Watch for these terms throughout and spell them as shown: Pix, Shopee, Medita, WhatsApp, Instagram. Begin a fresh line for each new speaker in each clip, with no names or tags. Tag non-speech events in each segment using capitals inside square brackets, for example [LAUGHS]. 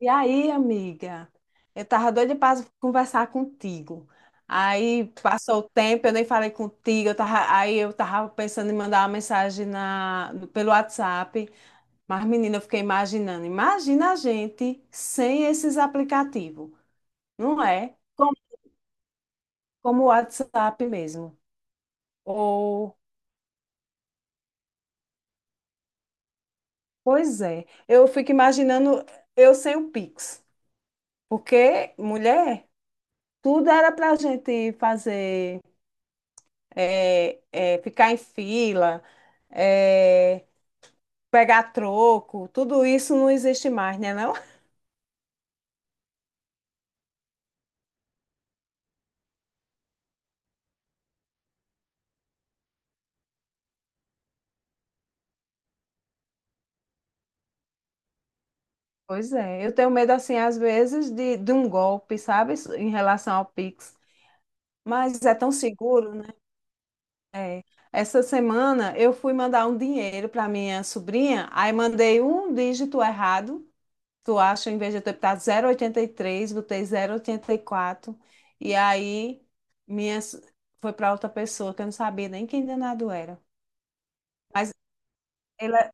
E aí, amiga? Eu tava doida pra conversar contigo. Aí passou o tempo, eu nem falei contigo. Eu tava pensando em mandar uma mensagem na, no- pelo WhatsApp. Mas, menina, eu fiquei imaginando. Imagina a gente sem esses aplicativos, não é? Como o WhatsApp mesmo. Ou, Pois é. Eu fico imaginando eu sem o Pix. Porque, mulher, tudo era pra gente fazer. É, ficar em fila, é, pegar troco, tudo isso não existe mais, né, não? Pois é, eu tenho medo, assim, às vezes, de um golpe, sabe, em relação ao Pix. Mas é tão seguro, né? É. Essa semana eu fui mandar um dinheiro para minha sobrinha, aí mandei um dígito errado. Tu acha, em vez de eu ter botado 0,83, botei zero vírgula oitenta e quatro, e aí minha, s- foi para outra pessoa que eu não sabia nem quem danado era. Mas ele é,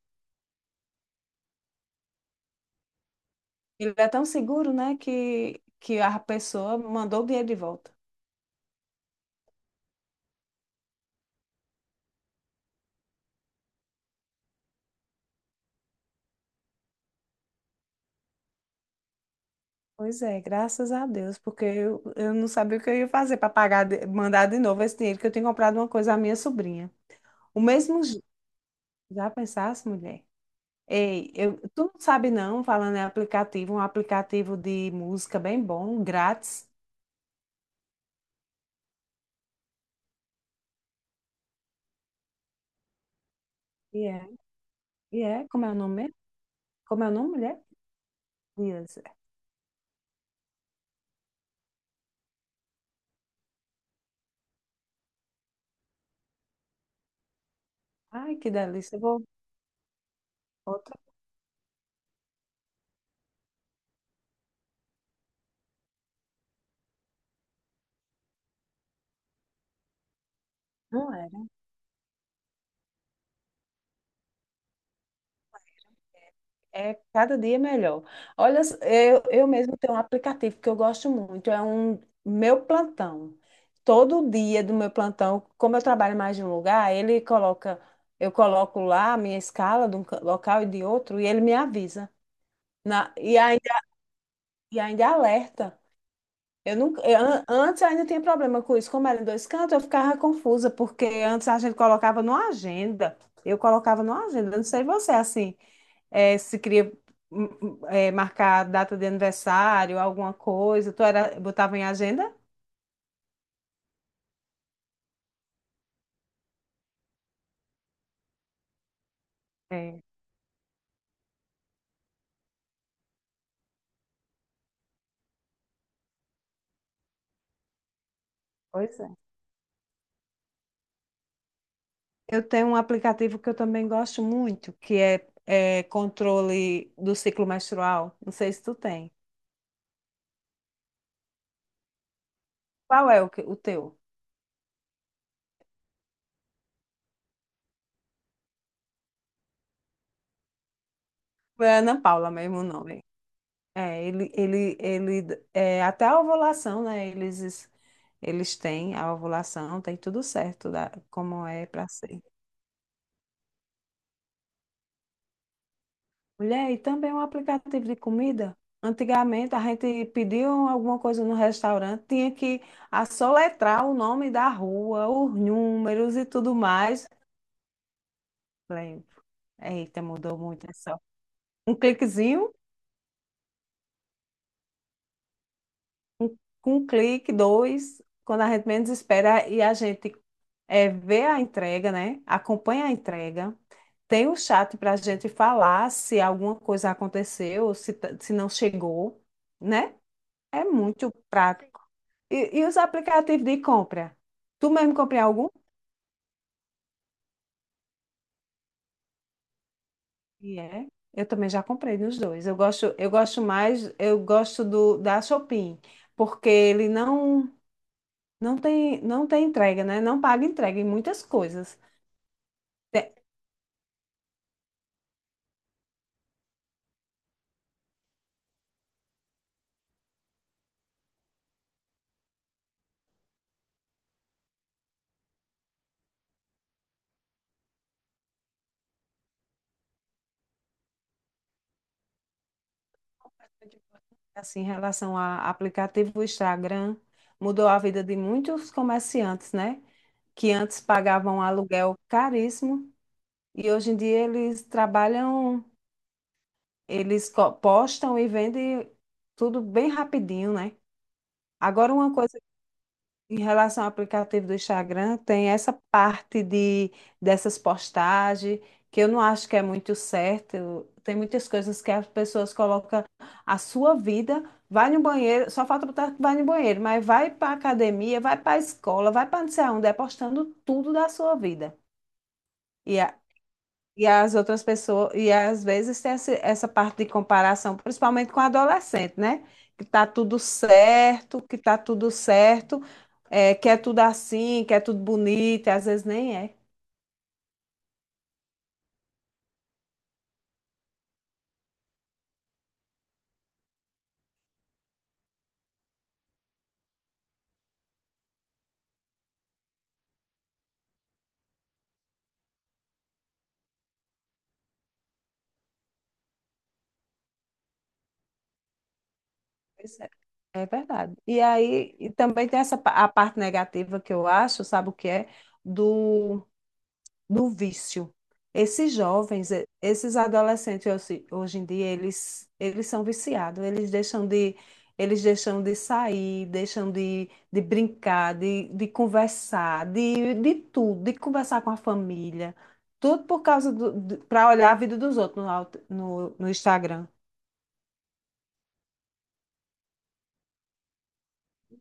ele é tão seguro, né, que a pessoa mandou o dinheiro de volta. Pois é, graças a Deus, porque eu não sabia o que eu ia fazer para pagar, mandar de novo esse dinheiro que eu tinha comprado uma coisa à minha sobrinha. O mesmo je- Já pensasse, mulher? Ei, tu não sabe não, falando em aplicativo, um aplicativo de música bem bom, grátis. E é, e é, como é o nome? Mesmo? Como é o nome, mulher? Dias. Ai, que delícia. Eu vou outra. Não é. É cada dia melhor. Olha, eu mesmo tenho um aplicativo que eu gosto muito, é um meu plantão. Todo dia do meu plantão, como eu trabalho mais de um lugar, eu coloco lá a minha escala de um local e de outro, e ele me avisa. Na, e ainda, e ainda alerta. Eu nunca, eu an- Antes eu ainda tinha problema com isso. Como era em dois cantos, eu ficava confusa, porque antes a gente colocava numa agenda. Eu colocava numa agenda, eu não sei você, assim, se queria marcar data de aniversário, alguma coisa, botava em agenda? É, pois é. Eu tenho um aplicativo que eu também gosto muito, que é controle do ciclo menstrual. Não sei se tu tem. Qual é o teu? É Ana Paula mesmo o nome. É, ele, é, até a ovulação, né? Eles têm a ovulação, tem tudo certo da, como é para ser. Mulher, e também um aplicativo de comida. Antigamente a gente pediu alguma coisa no restaurante, tinha que assoletrar o nome da rua, os números e tudo mais. Falei, eita, mudou muito, é só um cliquezinho. um, com um clique, dois, quando a gente menos espera e a gente vê a entrega, né? Acompanha a entrega. Tem o chat para a gente falar se alguma coisa aconteceu, se não chegou, né? É muito prático. E os aplicativos de compra? Tu mesmo comprei algum? E é. Eu também já comprei nos dois. Eu gosto mais, eu gosto do da Shopee, porque ele não tem entrega, né? Não paga entrega em muitas coisas. Te- Assim, em relação a aplicativo Instagram, mudou a vida de muitos comerciantes, né? Que antes pagavam aluguel caríssimo e hoje em dia eles trabalham, eles postam e vendem tudo bem rapidinho, né? Agora, uma coisa. Em relação ao aplicativo do Instagram, tem essa parte de dessas postagens que eu não acho que é muito certo. Tem muitas coisas que as pessoas colocam a sua vida, vai no banheiro, só falta botar que vai no banheiro, mas vai para academia, vai para a escola, vai para não sei aonde, é postando tudo da sua vida. e a- e as outras pessoas, e às vezes tem essa parte de comparação, principalmente com adolescente, né? Que tá tudo certo, que tá tudo certo, é, que é tudo assim, que é tudo bonito, e às vezes nem é. Pois é. É verdade. E aí, e também tem a parte negativa que eu acho, sabe o que é? do do vício. Esses jovens, esses adolescentes hoje em dia, eles são viciados, eles deixam de sair, deixam de brincar, de conversar, de tudo, de conversar com a família, tudo por causa para olhar a vida dos outros no Instagram.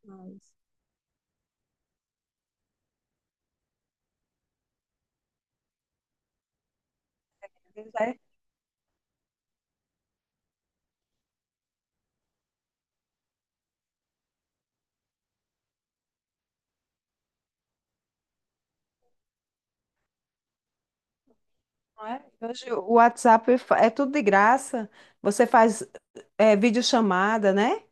Mas- É, não é? Hoje o WhatsApp é tudo de graça. Você faz é, videochamada, né?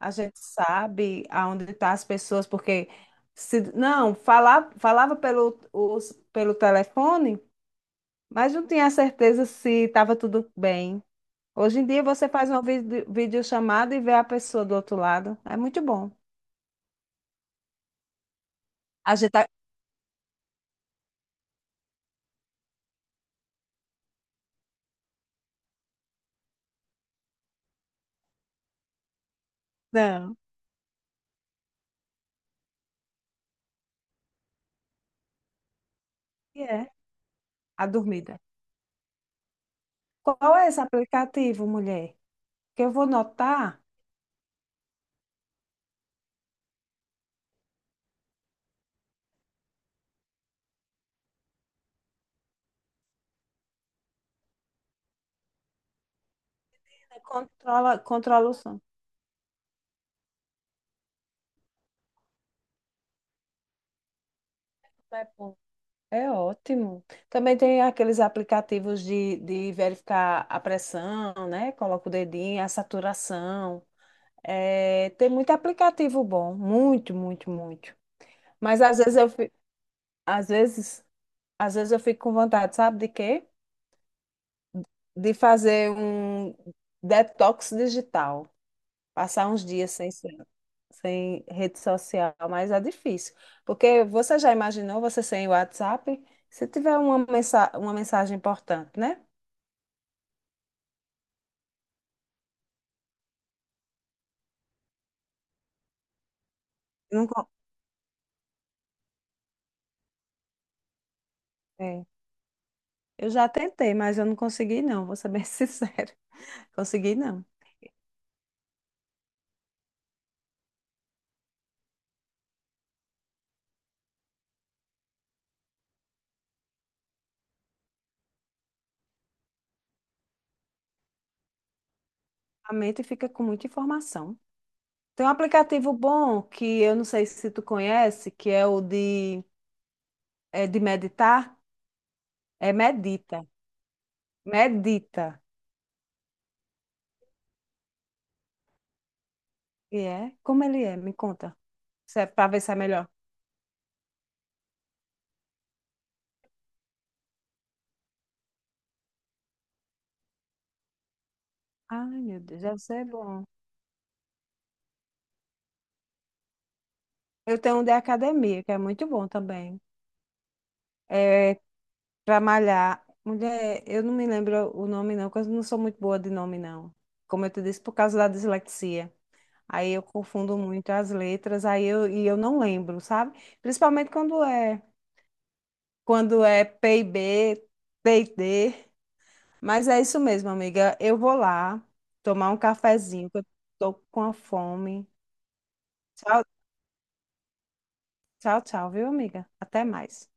A gente sabe aonde estão as pessoas, porque se não, falava pelo telefone, mas não tinha certeza se estava tudo bem. Hoje em dia você faz uma videochamada e vê a pessoa do outro lado. É muito bom. A gente tá. Não. E é a dormida. Qual é esse aplicativo, mulher? Que eu vou notar. Controla o sono. É ótimo. Também tem aqueles aplicativos de verificar a pressão, né? Coloca o dedinho, a saturação. É, tem muito aplicativo bom, muito, muito, muito. Mas às vezes eu, fi- às vezes, às vezes eu fico com vontade, sabe de quê? De fazer um detox digital, passar uns dias sem rede social, mas é difícil. Porque você já imaginou você sem WhatsApp? Se tiver uma mensagem importante, né? Não, é. Eu já tentei, mas eu não consegui, não, vou ser bem [LAUGHS] sincero. Consegui, não. A mente fica com muita informação. Tem um aplicativo bom que eu não sei se tu conhece, que é é de meditar. É Medita. Medita. E é? Como ele é? Me conta. Para ver se é melhor. Ai, meu Deus, deve ser bom. Eu tenho um de academia, que é muito bom também. É, pra malhar. Mulher, eu não me lembro o nome, não, porque eu não sou muito boa de nome, não. Como eu te disse, por causa da dislexia. Aí eu confundo muito as letras, e eu não lembro, sabe? Principalmente quando é P e B, T e D. Mas é isso mesmo, amiga. Eu vou lá tomar um cafezinho, que eu tô com a fome. Tchau, tchau, tchau, viu, amiga? Até mais.